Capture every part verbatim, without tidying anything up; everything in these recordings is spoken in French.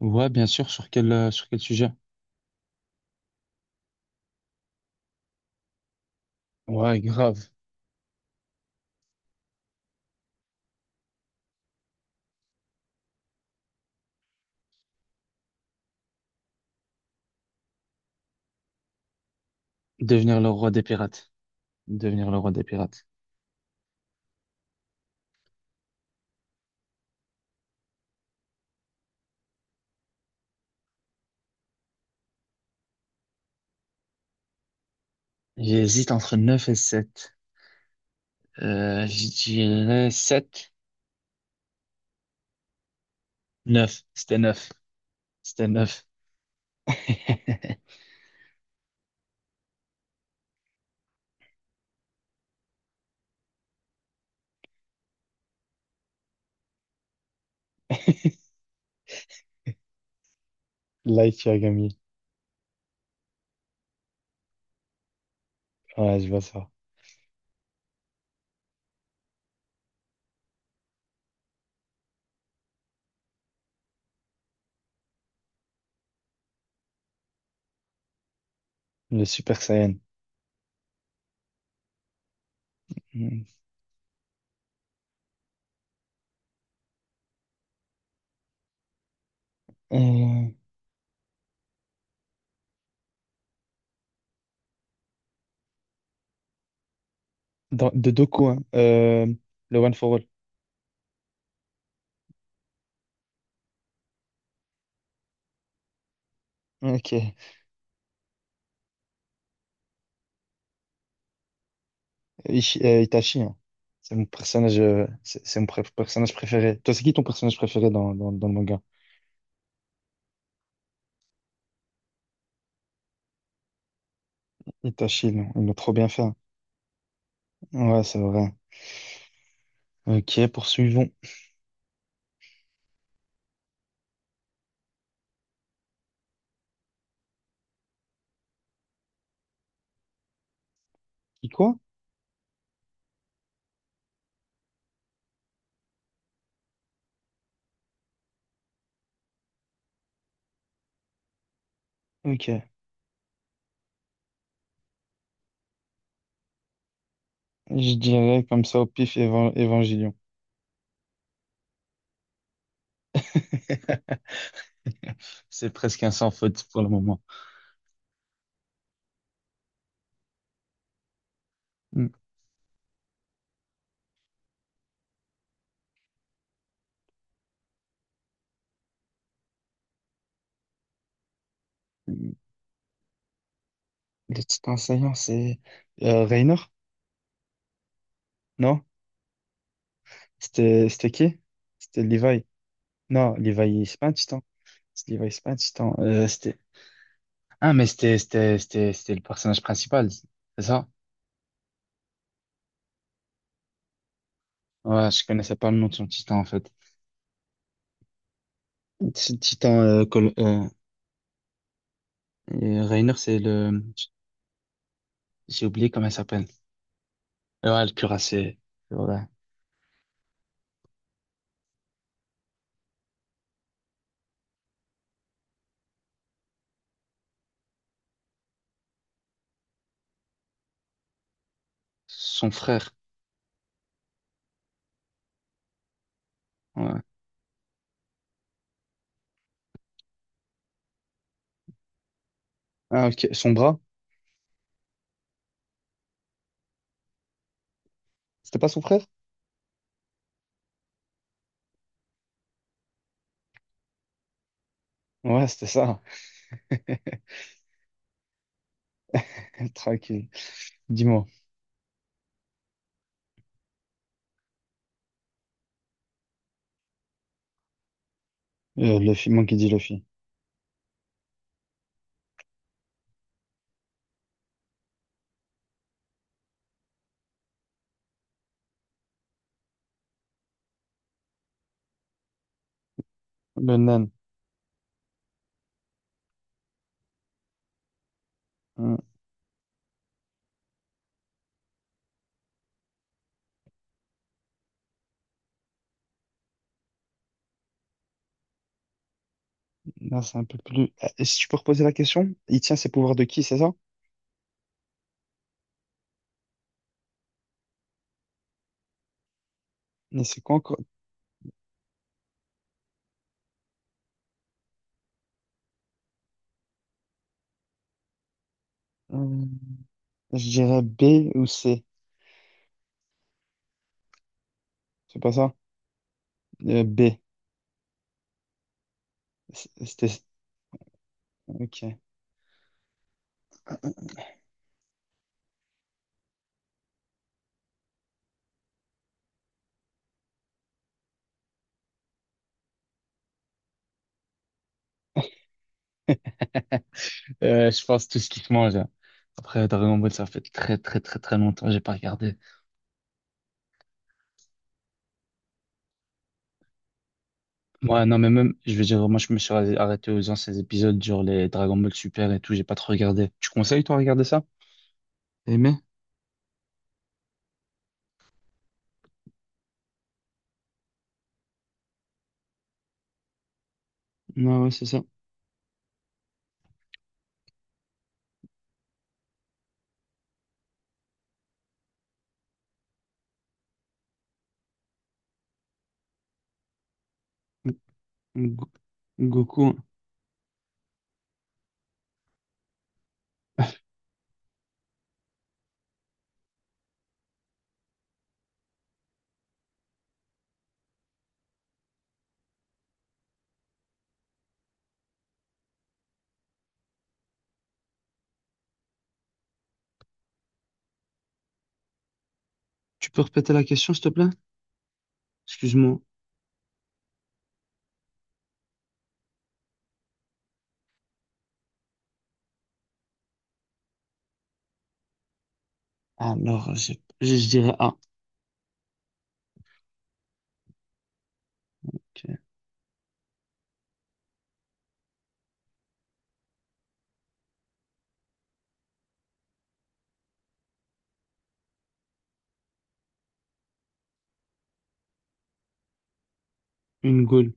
Ouais, bien sûr. Sur quel, euh, sur quel sujet? Ouais, grave. Devenir le roi des pirates. Devenir le roi des pirates. J'hésite entre neuf et sept. Euh, je dirais sept. Neuf. C'était neuf. C'était neuf. Light Yagami. Ouais, je vois ça. Le Super Saiyan. Mm. Euh, dans- de Doku, hein. Euh, Le One for All. Ok. Ishi- euh, Itachi, hein. C'est mon personnage, euh, c'est c'est mon pr- personnage préféré. Toi, c'est qui ton personnage préféré dans, dans, dans le manga? Itachi, non. Ils l'ont trop bien fait, hein. Ouais, c'est vrai. Ok, poursuivons. Et quoi? Ok. Je dirais comme ça au pif, évan- Évangélion. C'est presque un sans faute pour le moment. Mm. Le petit enseignant, c'est euh, Raynor? Non? C'était, c'était qui? C'était Levi. Non, Levi, c'est pas un titan. C'est Levi, c'est pas un titan. Euh, c'était... Ah, mais c'était c'était c'était c'était le personnage principal, c'est ça? Ouais, je connaissais pas le nom de son titan, en fait. Ce titan, euh, Col- euh, et Raynor, c'est le... J'ai oublié comment il s'appelle. Ouais, le cuirassé. C'est vrai. Son frère. Ouais. Ah, ok. Son bras? C'était pas son frère? Ouais, c'était ça. Tranquille. Dis-moi. Euh, Luffy, moi qui dis Luffy. Le nan. Hum. Là, c'est un peu plus. Euh, Si tu peux reposer la question, il tient ses pouvoirs de qui, c'est ça? Mais c'est quoi encore? Hum, je dirais B ou C. C'est pas ça? Euh, B. C- C'était. Ok. Euh, je pense tout ce qui se mange, hein. Après, Dragon Ball, ça fait très, très, très, très longtemps. J'ai pas regardé. Ouais, non, mais même, je veux dire, moi, je me suis arrêté aux anciens épisodes, genre les Dragon Ball Super et tout, j'ai pas trop regardé. Tu conseilles, toi, à regarder ça? Aimé? Non, ouais, c'est ça. Go- Goku, hein. Tu peux répéter la question, s'il te plaît? Excuse-moi. Alors, j'ai- Je, je dirais A. Ok. Une Gaule,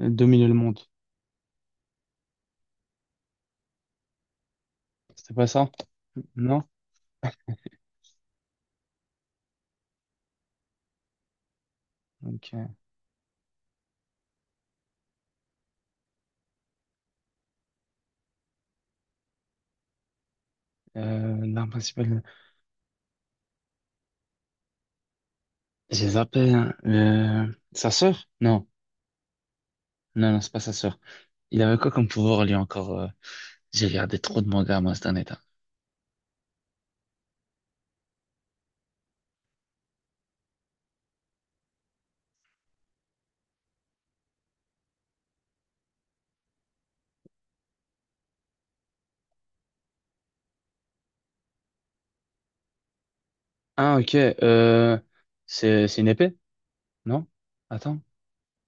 euh, dominer le monde. C'était pas ça? Non? Ok. Euh, l'arme principale, j'ai zappé, hein. Euh, sa sœur? Non, non, non, c'est pas sa sœur. Il avait quoi comme pouvoir, lui, encore? euh J'ai regardé trop de mangas, moi, cette année. Ah, ok. Euh, c'est c'est une épée, non? Attends.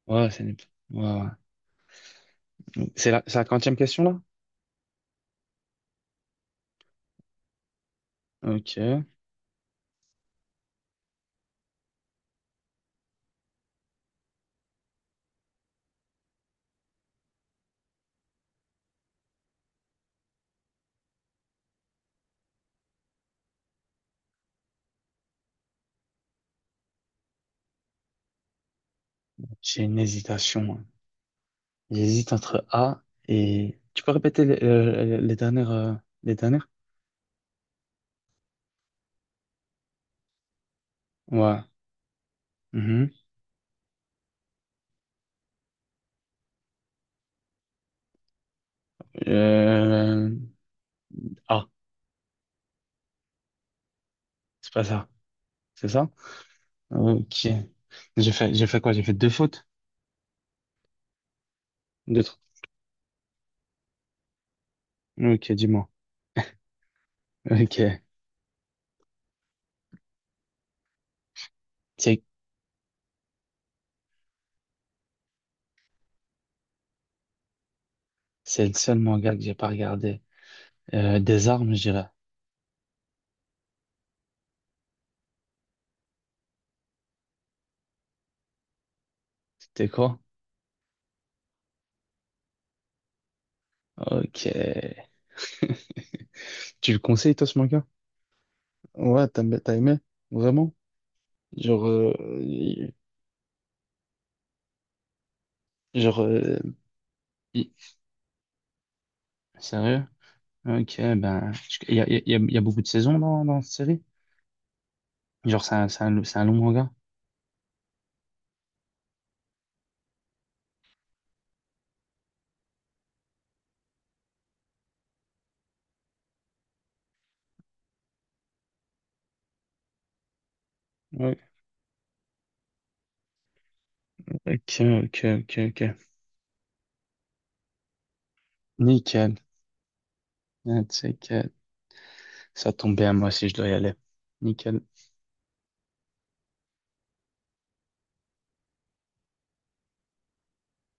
Ouais, c'est une épée. Ouais, ouais. C'est la, c'est la quantième question, là? Ok. J'ai une hésitation, hein. J'hésite entre A et... Tu peux répéter les, euh, les dernières... euh, les dernières? Ouais. Mhm. Euh, A. C'est pas ça. C'est ça? Ok. J'ai fait, j'ai fait quoi? J'ai fait deux fautes? Deux trucs. Ok, dis-moi. Ok. C'est c'est le seul manga que j'ai pas regardé. Euh, des armes, je dirais. C'était quoi? Ok. Tu le conseilles, toi, ce manga? Ouais, t'as t'as aimé? Vraiment? Genre, euh, y- genre, euh, y- sérieux? Ok, ben, il y a, y a- y a- y a beaucoup de saisons dans, dans cette série? Genre, c'est un, c'est un, c'est un long manga? Ouais. Ok, ok, ok, ok. Nickel. Ah, tu sais que ça tombe bien, moi aussi je dois y aller. Nickel.